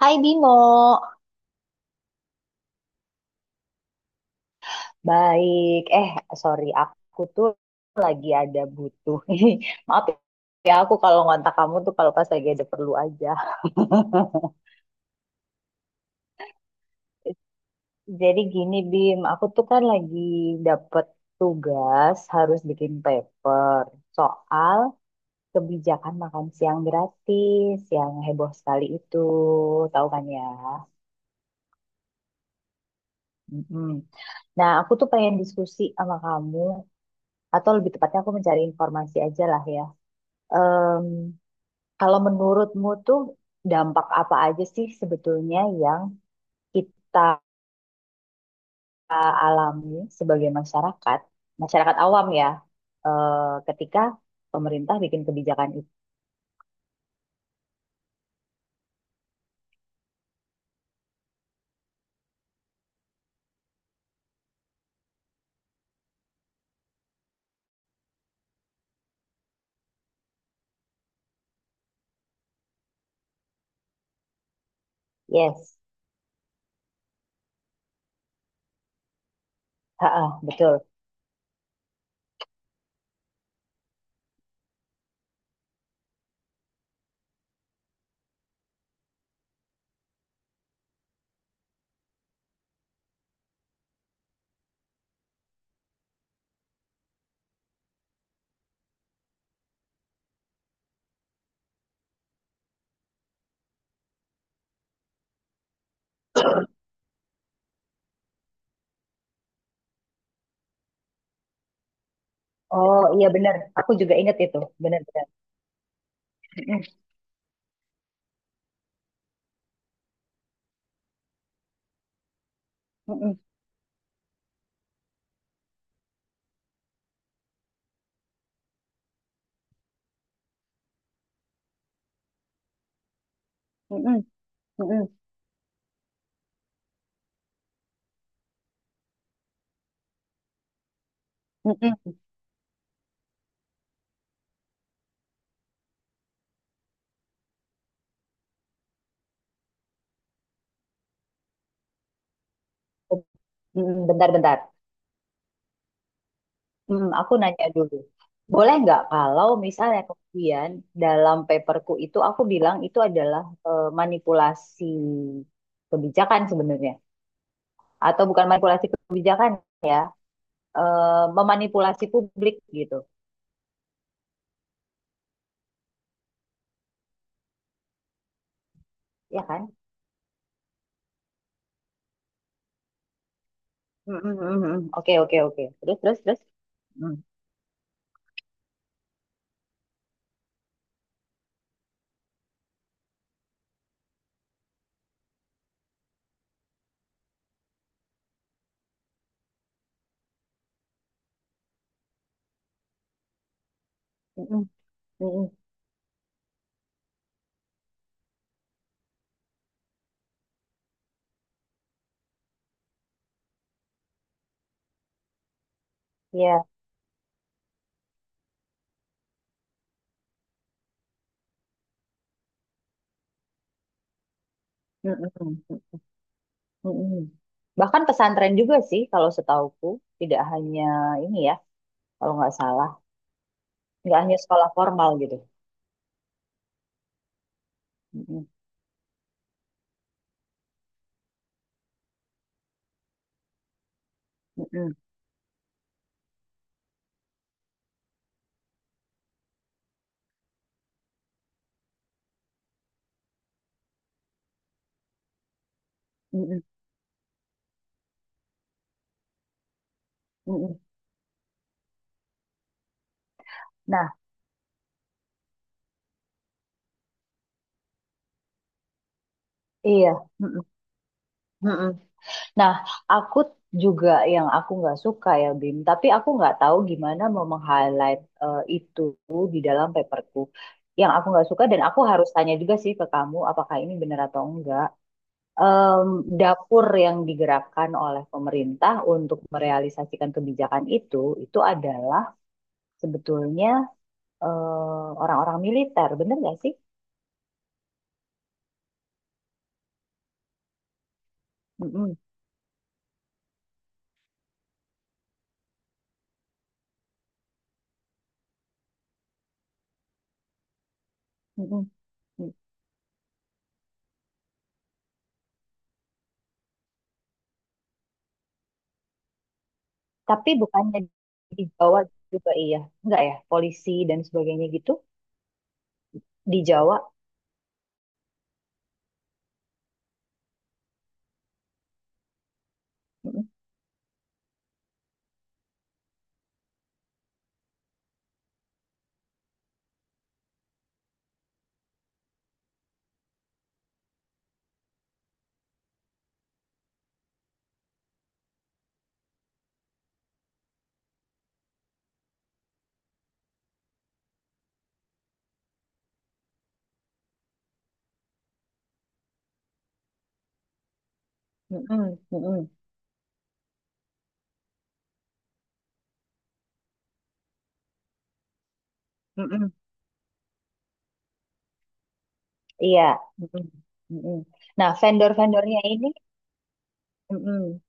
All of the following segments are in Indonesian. Hai Bimo, baik. Sorry, aku tuh lagi ada butuh. Maaf ya, aku kalau ngontak kamu tuh kalau pas lagi ada perlu aja. Jadi gini Bim, aku tuh kan lagi dapet tugas harus bikin paper soal kebijakan makan siang gratis yang heboh sekali itu, tahu kan ya? Mm-mm. Nah, aku tuh pengen diskusi sama kamu, atau lebih tepatnya aku mencari informasi aja lah ya. Em, kalau menurutmu tuh dampak apa aja sih sebetulnya yang kita alami sebagai masyarakat, masyarakat awam ya, eh, ketika pemerintah bikin kebijakan itu? Yes, ha-ah, betul. Oh iya benar, aku juga ingat itu, benar-benar. Mm-mm, mm-mm, mm-mm, mm-mm, mm-mm. Mm-mm. Bentar-bentar. Aku nanya dulu. Boleh nggak kalau misalnya kemudian dalam paperku itu aku bilang itu adalah manipulasi kebijakan sebenarnya. Atau bukan manipulasi kebijakan ya, eh, memanipulasi publik gitu. Ya kan? Hmm, hmm, hmm, hmm. Oke, oke, oke. Terus, terus, terus. Hmm, hmm, hmm, hmm, iya. Hmm. Ya. Hmm, hmm, hmm, hmm, hmm. Bahkan pesantren juga sih kalau setauku. Tidak hanya ini ya, kalau nggak salah. Nggak hanya sekolah formal gitu. Mm, mm. Mm-mm, mm-mm, mm-mm. Nah, iya. Mm-mm, mm-mm. Nah, aku juga yang aku nggak suka ya, Bim. Tapi aku nggak tahu gimana mau meng-highlight itu di dalam paperku. Yang aku nggak suka dan aku harus tanya juga sih ke kamu, apakah ini benar atau enggak. Em, dapur yang digerakkan oleh pemerintah untuk merealisasikan kebijakan itu adalah sebetulnya orang-orang militer, benar nggak sih? Mm-mm, mm-mm, mm-mm. Tapi bukannya di Jawa juga iya, enggak ya, polisi dan sebagainya gitu di Jawa. Mm-mm, mm-mm, mm mm, mm, iya. Mm-mm. Nah, mm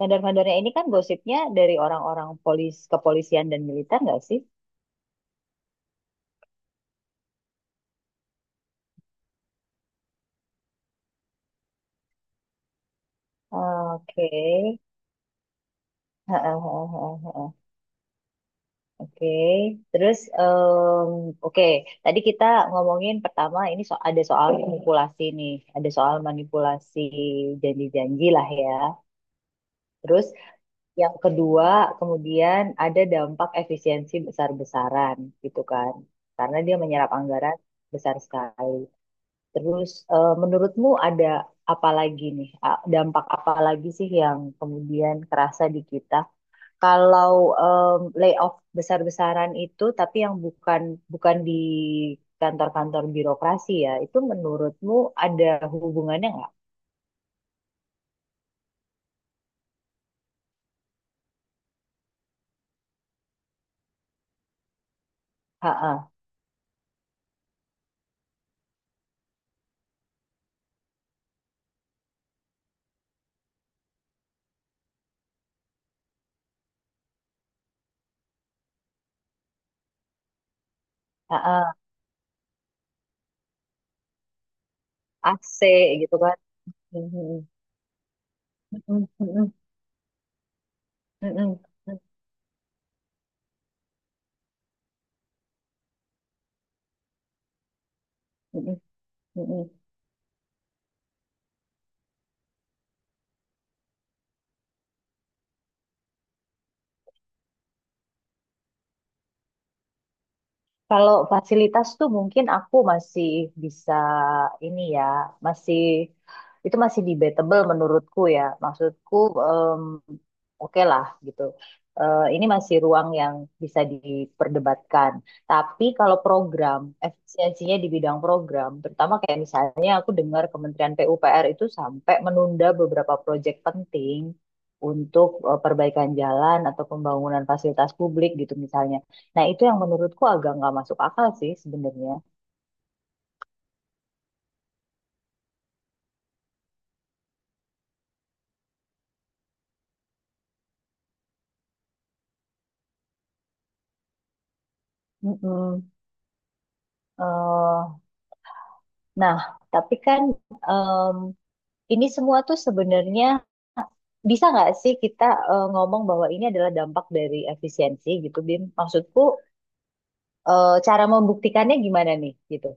vendor-vendornya ini kan gosipnya dari orang-orang polis, kepolisian dan militer nggak sih? Oke. Heeh, heeh, heeh, heeh. Oke, terus oke. Tadi kita ngomongin pertama ini so ada soal manipulasi nih, ada soal manipulasi janji-janji lah ya. Terus yang kedua, kemudian ada dampak efisiensi besar-besaran gitu kan. Karena dia menyerap anggaran besar sekali. Terus menurutmu ada apa lagi nih? Dampak apa lagi sih yang kemudian kerasa di kita? Kalau em, layoff besar-besaran itu tapi yang bukan bukan di kantor-kantor birokrasi ya, itu menurutmu ada hubungannya nggak? Ha-ha, ha-ha, AC gitu kan. Mhm. Mhm, mhm. Mhm. Mm-mm, mm-mm, mm-mm. Kalau fasilitas tuh mungkin aku masih bisa ini ya, masih itu masih debatable menurutku ya. Maksudku em, oke lah gitu. Ini masih ruang yang bisa diperdebatkan. Tapi kalau program, efisiensinya di bidang program, terutama kayak misalnya aku dengar Kementerian PUPR itu sampai menunda beberapa proyek penting untuk perbaikan jalan atau pembangunan fasilitas publik gitu misalnya. Nah, itu yang menurutku agak nggak masuk akal sih sebenarnya. Mm-mm. Eh, nah, tapi kan em, ini semua tuh sebenarnya bisa nggak sih kita ngomong bahwa ini adalah dampak dari efisiensi gitu, Bim? Maksudku cara membuktikannya gimana nih gitu?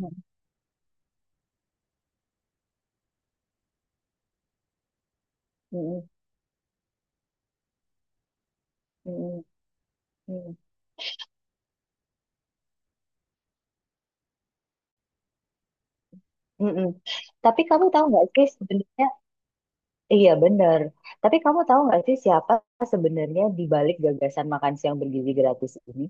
Mm-mm, mm-mm, mm mm, mm. Tapi kamu tahu nggak sih sebenarnya? Iya benar. Tapi kamu tahu nggak sih siapa sebenarnya di balik gagasan makan siang bergizi gratis ini?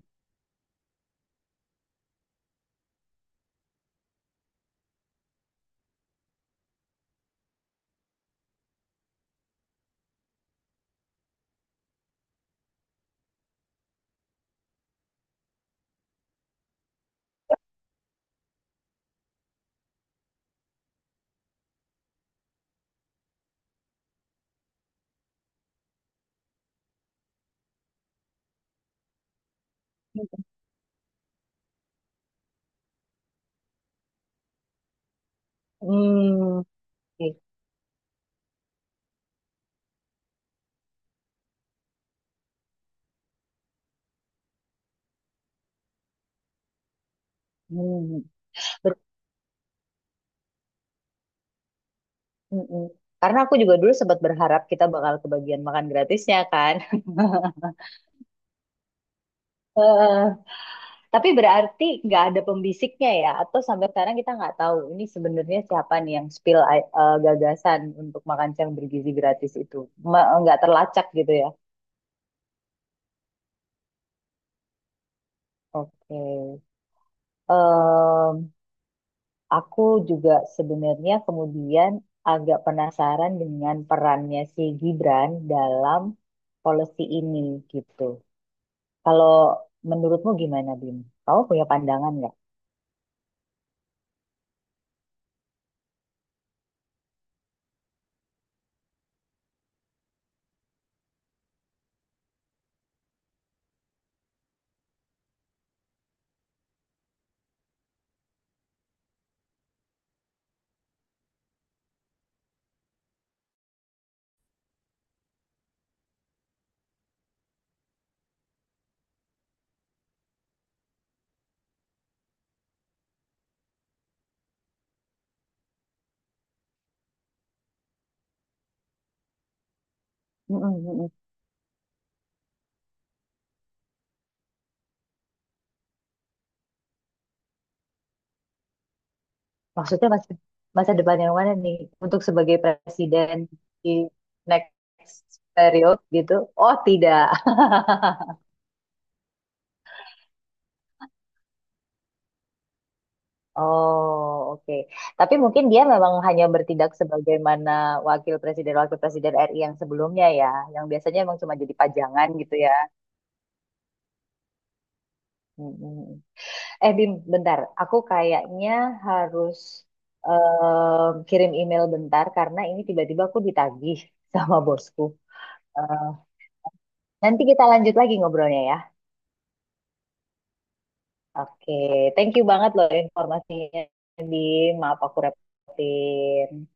Hmm, iya. Hmm, bet- mm-mm. Karena aku juga dulu sempat berharap kita bakal kebagian makan gratisnya kan. Eh, tapi berarti nggak ada pembisiknya ya? Atau sampai sekarang kita nggak tahu ini sebenarnya siapa nih yang spill gagasan untuk makan siang bergizi gratis itu? Nggak terlacak gitu ya? Oke. Em, aku juga sebenarnya kemudian agak penasaran dengan perannya si Gibran dalam policy ini gitu. Kalau menurutmu gimana, Bim? Kamu punya pandangan nggak? Mm-mm, mm-mm. Maksudnya masa depan yang mana nih untuk sebagai presiden di next period gitu? Oh, tidak. Oh, oke. Tapi mungkin dia memang hanya bertindak sebagaimana wakil presiden-wakil presiden RI yang sebelumnya ya, yang biasanya emang cuma jadi pajangan gitu ya. Mm-mm. Eh Bim, bentar. Aku kayaknya harus kirim email bentar karena ini tiba-tiba aku ditagih sama bosku. Eh, nanti kita lanjut lagi ngobrolnya ya. Oke, thank you banget loh informasinya, Bim. Maaf aku repotin.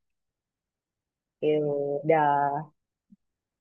Yaudah.